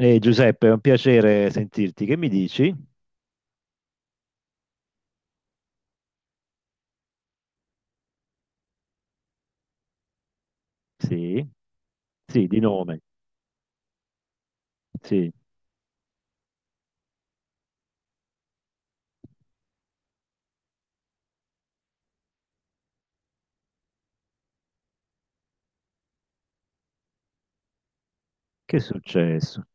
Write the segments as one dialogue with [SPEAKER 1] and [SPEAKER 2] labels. [SPEAKER 1] Giuseppe, è un piacere sentirti. Che mi dici? Sì, sì, di nome. Sì. Che è successo?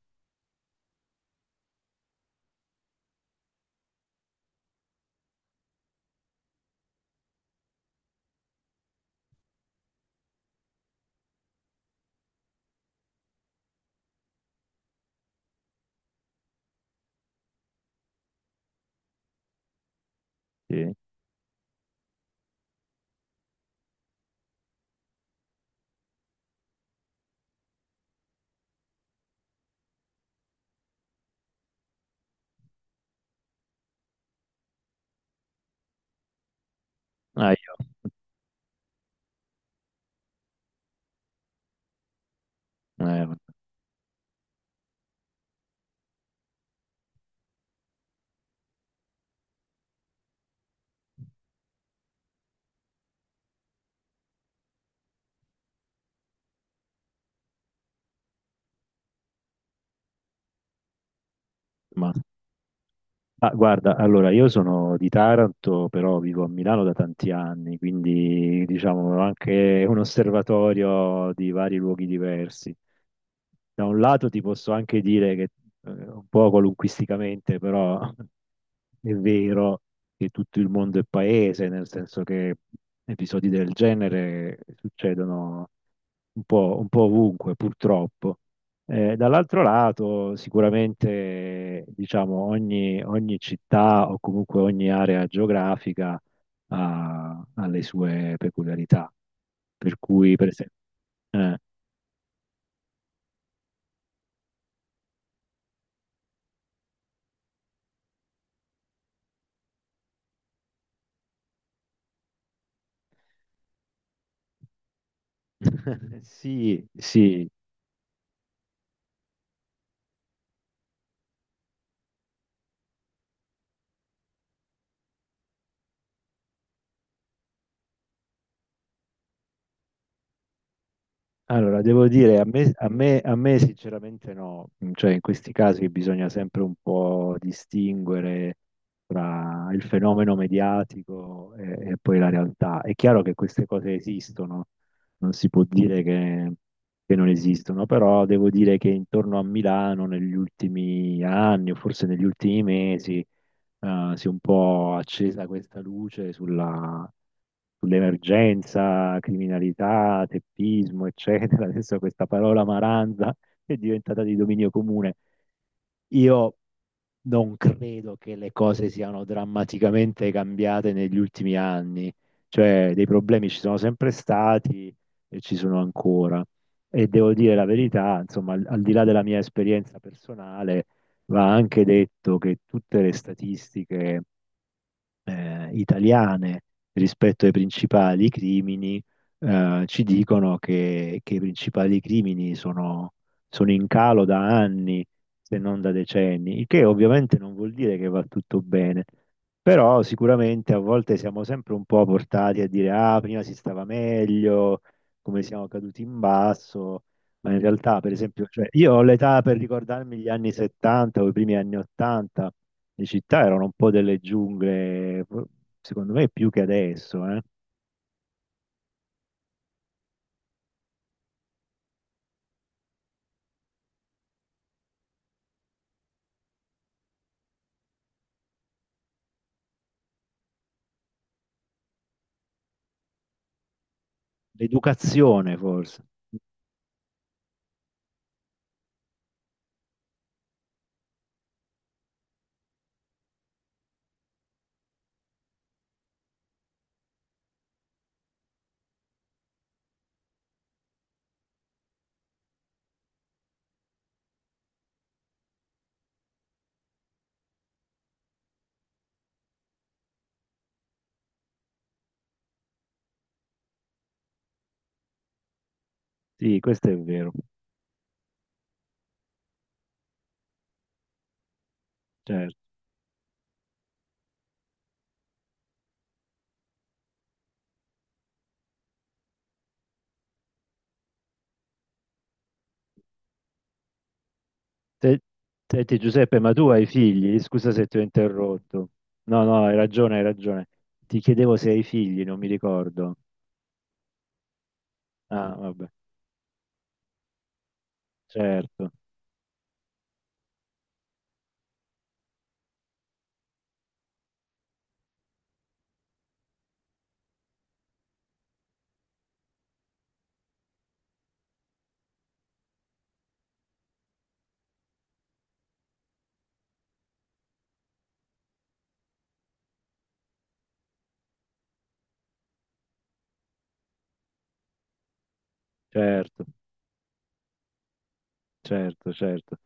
[SPEAKER 1] Sì. Ah, io- eh, ma Ma guarda, allora io sono di Taranto, però vivo a Milano da tanti anni, quindi diciamo ho anche un osservatorio di vari luoghi diversi. Da un lato ti posso anche dire che, un po' qualunquisticamente, però è vero che tutto il mondo è paese, nel senso che episodi del genere succedono un po' ovunque, purtroppo. Dall'altro lato, sicuramente, diciamo, ogni città o comunque ogni area geografica ha le sue peculiarità. Per cui, per esempio, eh, sì, sì. Allora, devo dire, a me sinceramente no. Mm, cioè in questi casi bisogna sempre un po' distinguere tra il fenomeno mediatico e poi la realtà. È chiaro che queste cose esistono, non si può dire che non esistono, però devo dire che intorno a Milano negli ultimi anni o forse negli ultimi mesi si è un po' accesa questa luce sulla sull'emergenza, criminalità, teppismo, eccetera. Adesso questa parola maranza è diventata di dominio comune. Io non credo che le cose siano drammaticamente cambiate negli ultimi anni, cioè dei problemi ci sono sempre stati e ci sono ancora. E devo dire la verità, insomma, al di là della mia esperienza personale, va anche detto che tutte le statistiche italiane rispetto ai principali crimini, ci dicono che i principali crimini sono in calo da anni, se non da decenni, il che ovviamente non vuol dire che va tutto bene. Però sicuramente a volte siamo sempre un po' portati a dire, ah, prima si stava meglio, come siamo caduti in basso, ma in realtà, per esempio, cioè, io ho l'età per ricordarmi gli anni 70 o i primi anni 80, le città erano un po' delle giungle, secondo me più che adesso, eh. L'educazione forse, sì, questo è vero, certo. Se- Senti Giuseppe, ma tu hai figli? Scusa se ti ho interrotto. No, no, hai ragione, hai ragione. Ti chiedevo se hai figli, non mi ricordo. Ah, vabbè, certo, certo, certo, certo.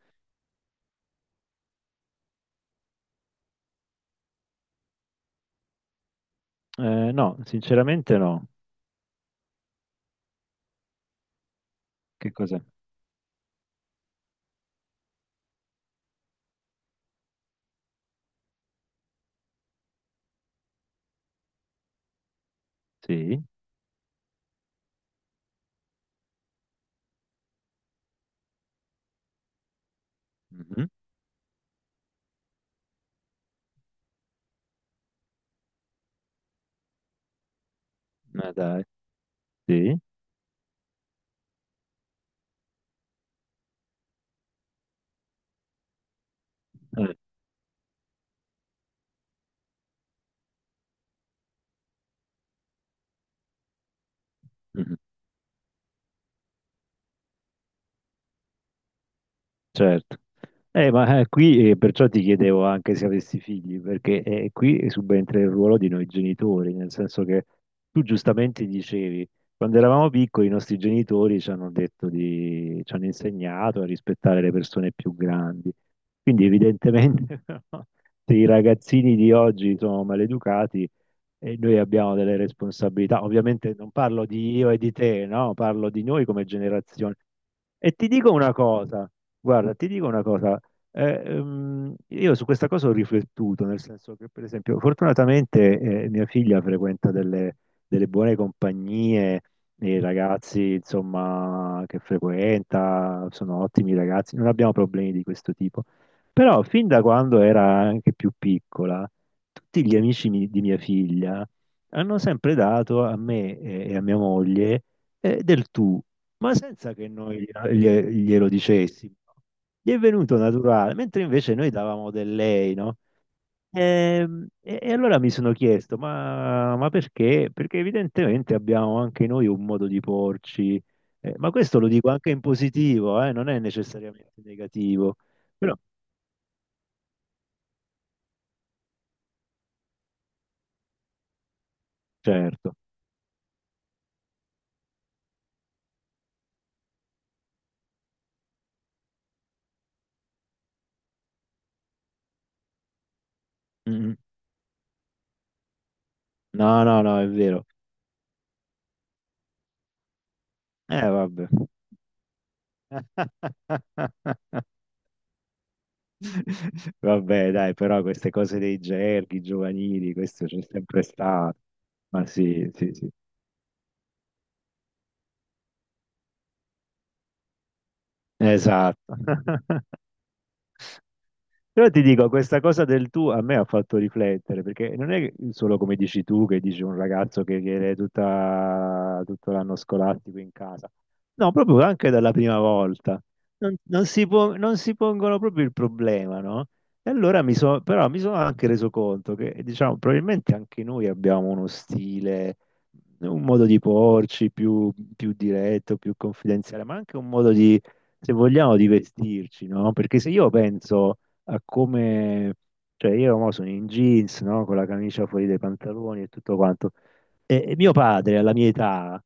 [SPEAKER 1] No, sinceramente no. Che cos'è? Sì, mhm. Ma dai, sì. eh, mhm. Certo. Ma qui Perciò ti chiedevo anche se avessi figli, perché qui subentra il ruolo di noi genitori, nel senso che tu giustamente dicevi, quando eravamo piccoli i nostri genitori ci hanno ci hanno insegnato a rispettare le persone più grandi. Quindi evidentemente no, se i ragazzini di oggi sono maleducati e noi abbiamo delle responsabilità. Ovviamente non parlo di io e di te, no? Parlo di noi come generazione. E ti dico una cosa. Guarda, ti dico una cosa, io su questa cosa ho riflettuto, nel senso che per esempio fortunatamente mia figlia frequenta delle buone compagnie, i ragazzi insomma che frequenta sono ottimi ragazzi, non abbiamo problemi di questo tipo, però fin da quando era anche più piccola, tutti gli di mia figlia hanno sempre dato a me e a mia moglie del tu ma senza che noi glielo dicessimo. No? Gli è venuto naturale, mentre invece noi davamo del lei, no? E allora mi sono chiesto, ma perché? Perché evidentemente abbiamo anche noi un modo di porci, ma questo lo dico anche in positivo, non è necessariamente negativo, però certo. Mm. No, no, no, è vero. Vabbè. Vabbè, dai, però queste cose dei gerghi giovanili, questo c'è sempre stato. Ma sì, sì, sì. Esatto. Però ti dico, questa cosa del tu a me ha fatto riflettere, perché non è solo come dici tu, che dici un ragazzo che viene tutto l'anno scolastico in casa, no, proprio anche dalla prima volta. Non si pongono proprio il problema, no? E allora mi sono, però mi sono anche reso conto che, diciamo, probabilmente anche noi abbiamo uno stile, un modo di porci più diretto, più confidenziale, ma anche un modo di, se vogliamo, di vestirci, no? Perché se io penso a come, cioè io mo sono in jeans, no? Con la camicia fuori dai pantaloni e tutto quanto. E mio padre, alla mia età,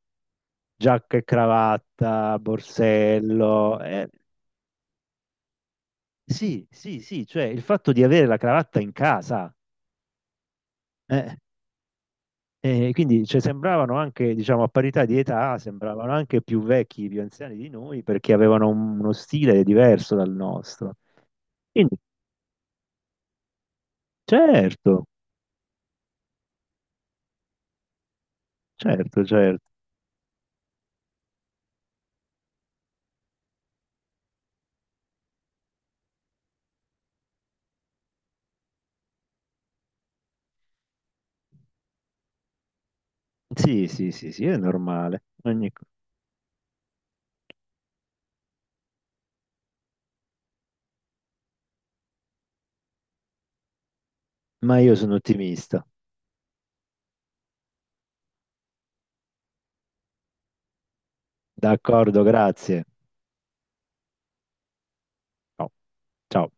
[SPEAKER 1] giacca e cravatta, borsello, sì, sì, sì, cioè il fatto di avere la cravatta in casa, eh, e quindi cioè, sembravano anche, diciamo, a parità di età, sembravano anche più vecchi, più anziani di noi, perché avevano uno stile diverso dal nostro. Quindi, certo, certo, certo. Sì, sì, sì, sì, è normale. Ogni- Ma io sono ottimista. D'accordo, grazie. Ciao. Ciao.